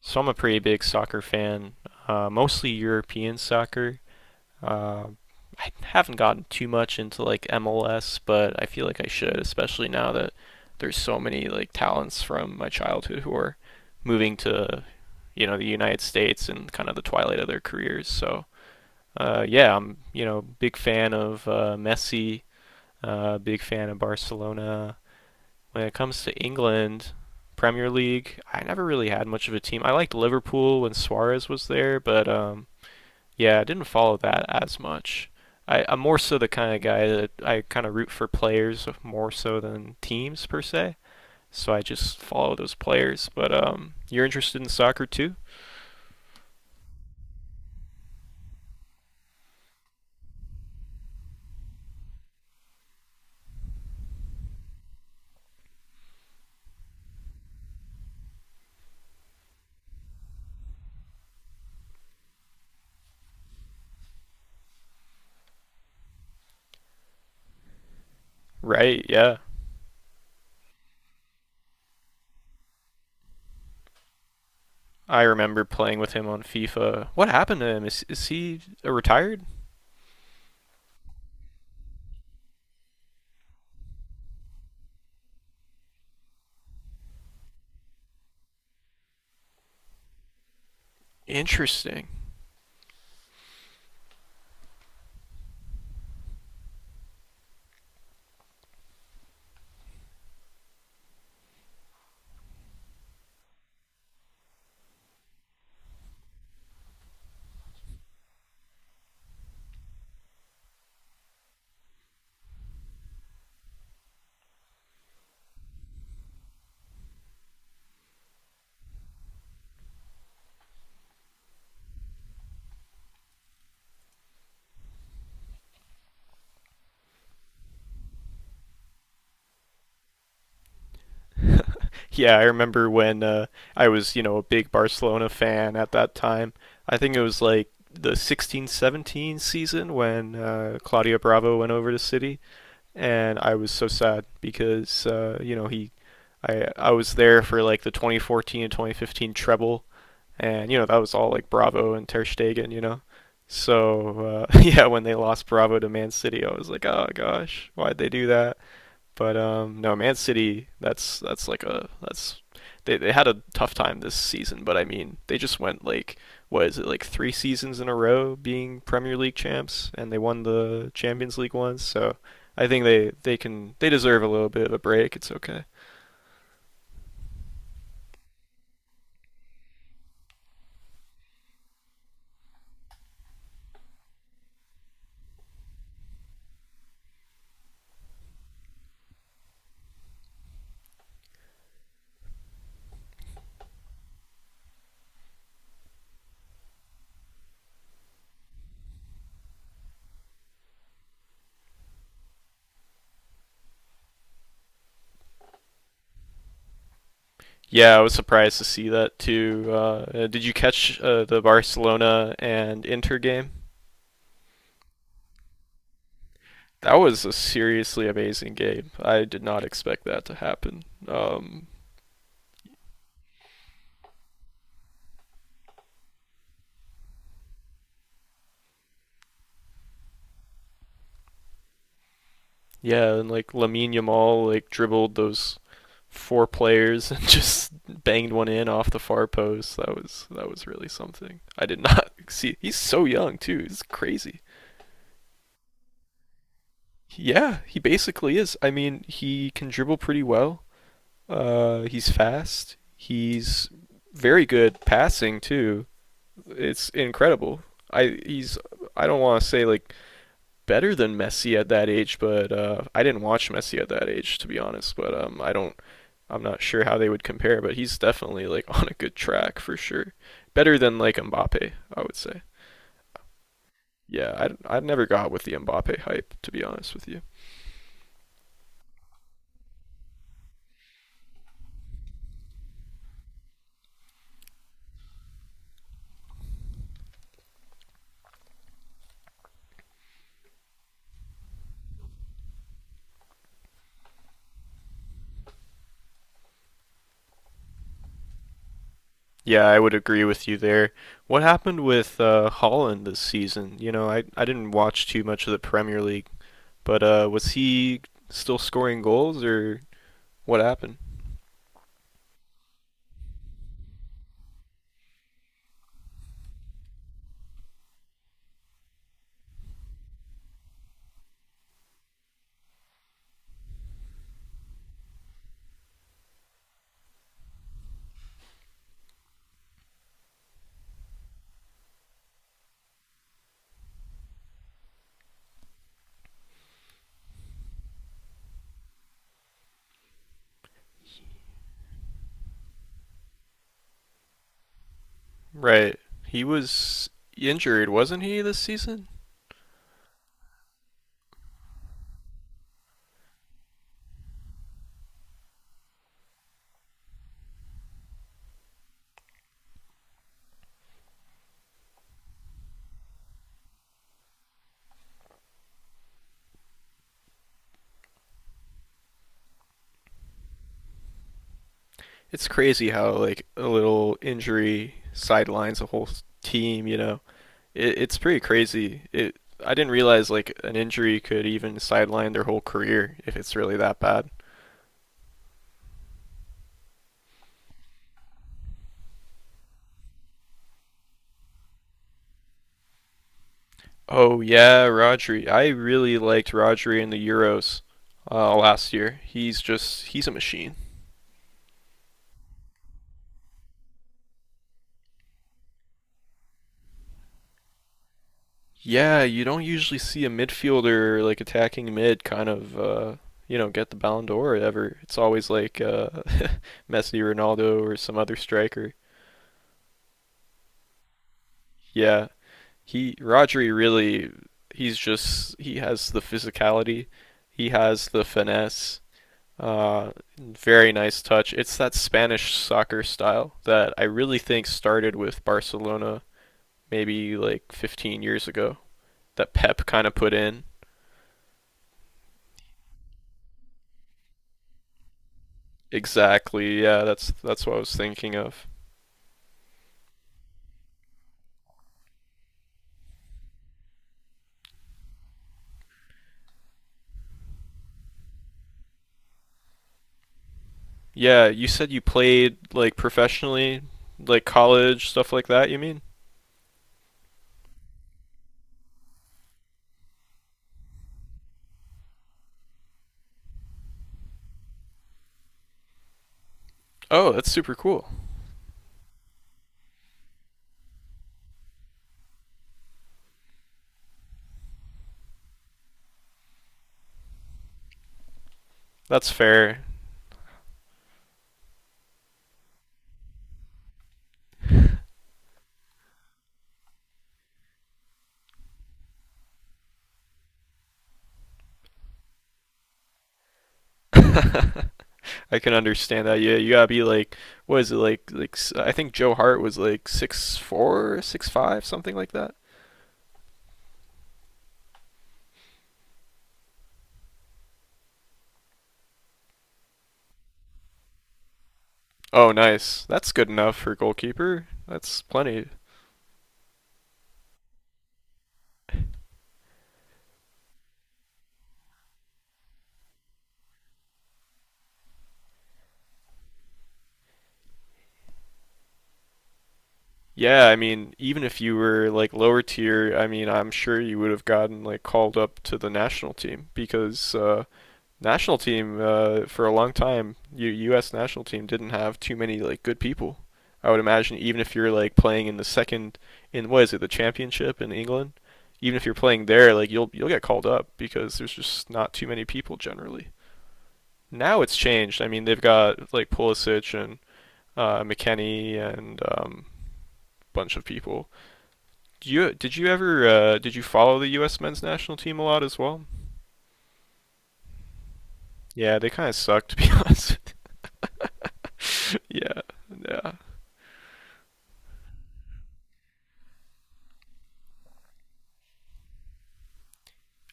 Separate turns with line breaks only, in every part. So I'm a pretty big soccer fan, mostly European soccer. Uh, I haven't gotten too much into like MLS, but I feel like I should, especially now that there's so many like talents from my childhood who are moving to the United States and kind of the twilight of their careers. So yeah, I'm big fan of Messi, big fan of Barcelona. When it comes to England, Premier League, I never really had much of a team. I liked Liverpool when Suarez was there, but yeah, I didn't follow that as much. I'm more so the kind of guy that I kind of root for players more so than teams per se. So I just follow those players. But you're interested in soccer too, right? Yeah, I remember playing with him on FIFA. What happened to him? Is he retired? Interesting. Yeah, I remember when I was, you know, a big Barcelona fan at that time. I think it was like the 16 17 season when Claudio Bravo went over to City, and I was so sad because I was there for like the 2014 and 2015 treble, and that was all like Bravo and Ter Stegen. So yeah, when they lost Bravo to Man City, I was like, oh gosh, why'd they do that? But no, Man City. That's like a that's they had a tough time this season. But I mean, they just went like, what is it, like three seasons in a row being Premier League champs, and they won the Champions League once. So I think they deserve a little bit of a break. It's okay. Yeah, I was surprised to see that too. Did you catch the Barcelona and Inter game? That was a seriously amazing game. I did not expect that to happen. Um, Yeah, and like Lamine Yamal like dribbled those four players and just banged one in off the far post. That was really something. I did not see. He's so young too. It's crazy. Yeah, he basically is. I mean, he can dribble pretty well. He's fast. He's very good passing too. It's incredible. I he's I don't want to say like better than Messi at that age, but I didn't watch Messi at that age to be honest. But I'm not sure how they would compare, but he's definitely like on a good track for sure. Better than like Mbappe, I would say. Yeah, I never got with the Mbappe hype to be honest with you. Yeah, I would agree with you there. What happened with Holland this season? You know, I didn't watch too much of the Premier League, but was he still scoring goals or what happened? Right, he was injured, wasn't he this season? It's crazy how like a little injury sidelines a whole team, you know. It's pretty crazy. It I didn't realize like an injury could even sideline their whole career if it's really that bad. Oh yeah, Rodri. I really liked Rodri in the Euros last year. He's a machine. Yeah, you don't usually see a midfielder like attacking mid kind of get the Ballon d'Or ever. It's always like Messi, Ronaldo, or some other striker. Yeah, He Rodri really he has the physicality, he has the finesse. Uh, very nice touch. It's that Spanish soccer style that I really think started with Barcelona maybe like 15 years ago that Pep kind of put in. Exactly. Yeah, that's what I was thinking of. Yeah, you said you played like professionally, like college stuff like that, you mean? Oh, that's super cool. That's fair. I can understand that. Yeah, you gotta be like, what is it like? I think Joe Hart was like 6'4", 6'5", something like that. Oh, nice. That's good enough for goalkeeper. That's plenty. Yeah, I mean, even if you were like lower tier, I mean, I'm sure you would have gotten like called up to the national team because national team for a long time. U.S. national team didn't have too many like good people. I would imagine even if you're like playing in the second in what is it the championship in England, even if you're playing there, like you'll get called up because there's just not too many people generally. Now it's changed. I mean they've got like Pulisic and McKenny and a bunch of people. Do you did you ever did you follow the U.S. men's national team a lot as well? Yeah, they kind of sucked, to be honest. yeah, yeah.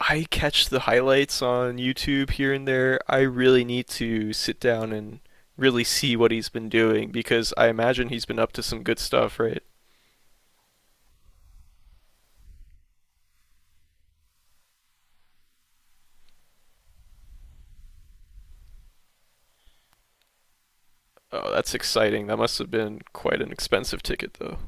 I catch the highlights on YouTube here and there. I really need to sit down and really see what he's been doing because I imagine he's been up to some good stuff, right? Oh, that's exciting. That must have been quite an expensive ticket, though.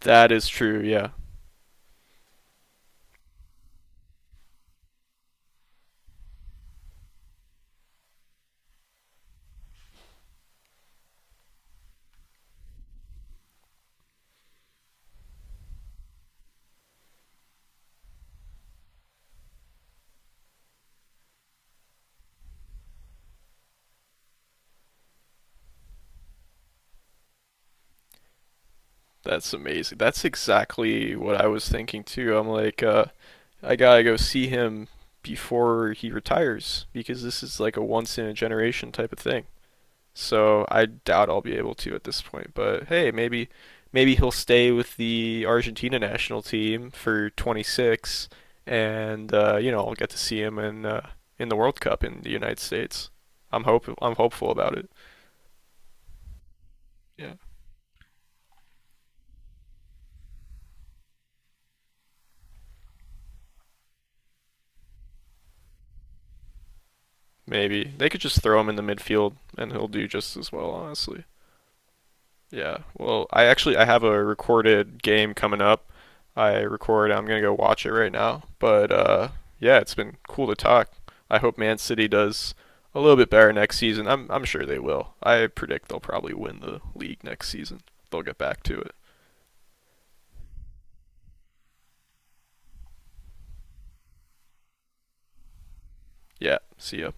That is true, yeah. That's amazing. That's exactly what I was thinking, too. I'm like, I gotta go see him before he retires because this is like a once in a generation type of thing. So I doubt I'll be able to at this point. But hey, maybe he'll stay with the Argentina national team for 26, and I'll get to see him in the World Cup in the United States. I'm hopeful about it. Yeah, maybe they could just throw him in the midfield, and he'll do just as well. Yeah. Well, I actually I have a recorded game coming up. I record. I'm gonna go watch it right now. But yeah, it's been cool to talk. I hope Man City does a little bit better next season. I'm sure they will. I predict they'll probably win the league next season. They'll get back to it. Yeah. See ya.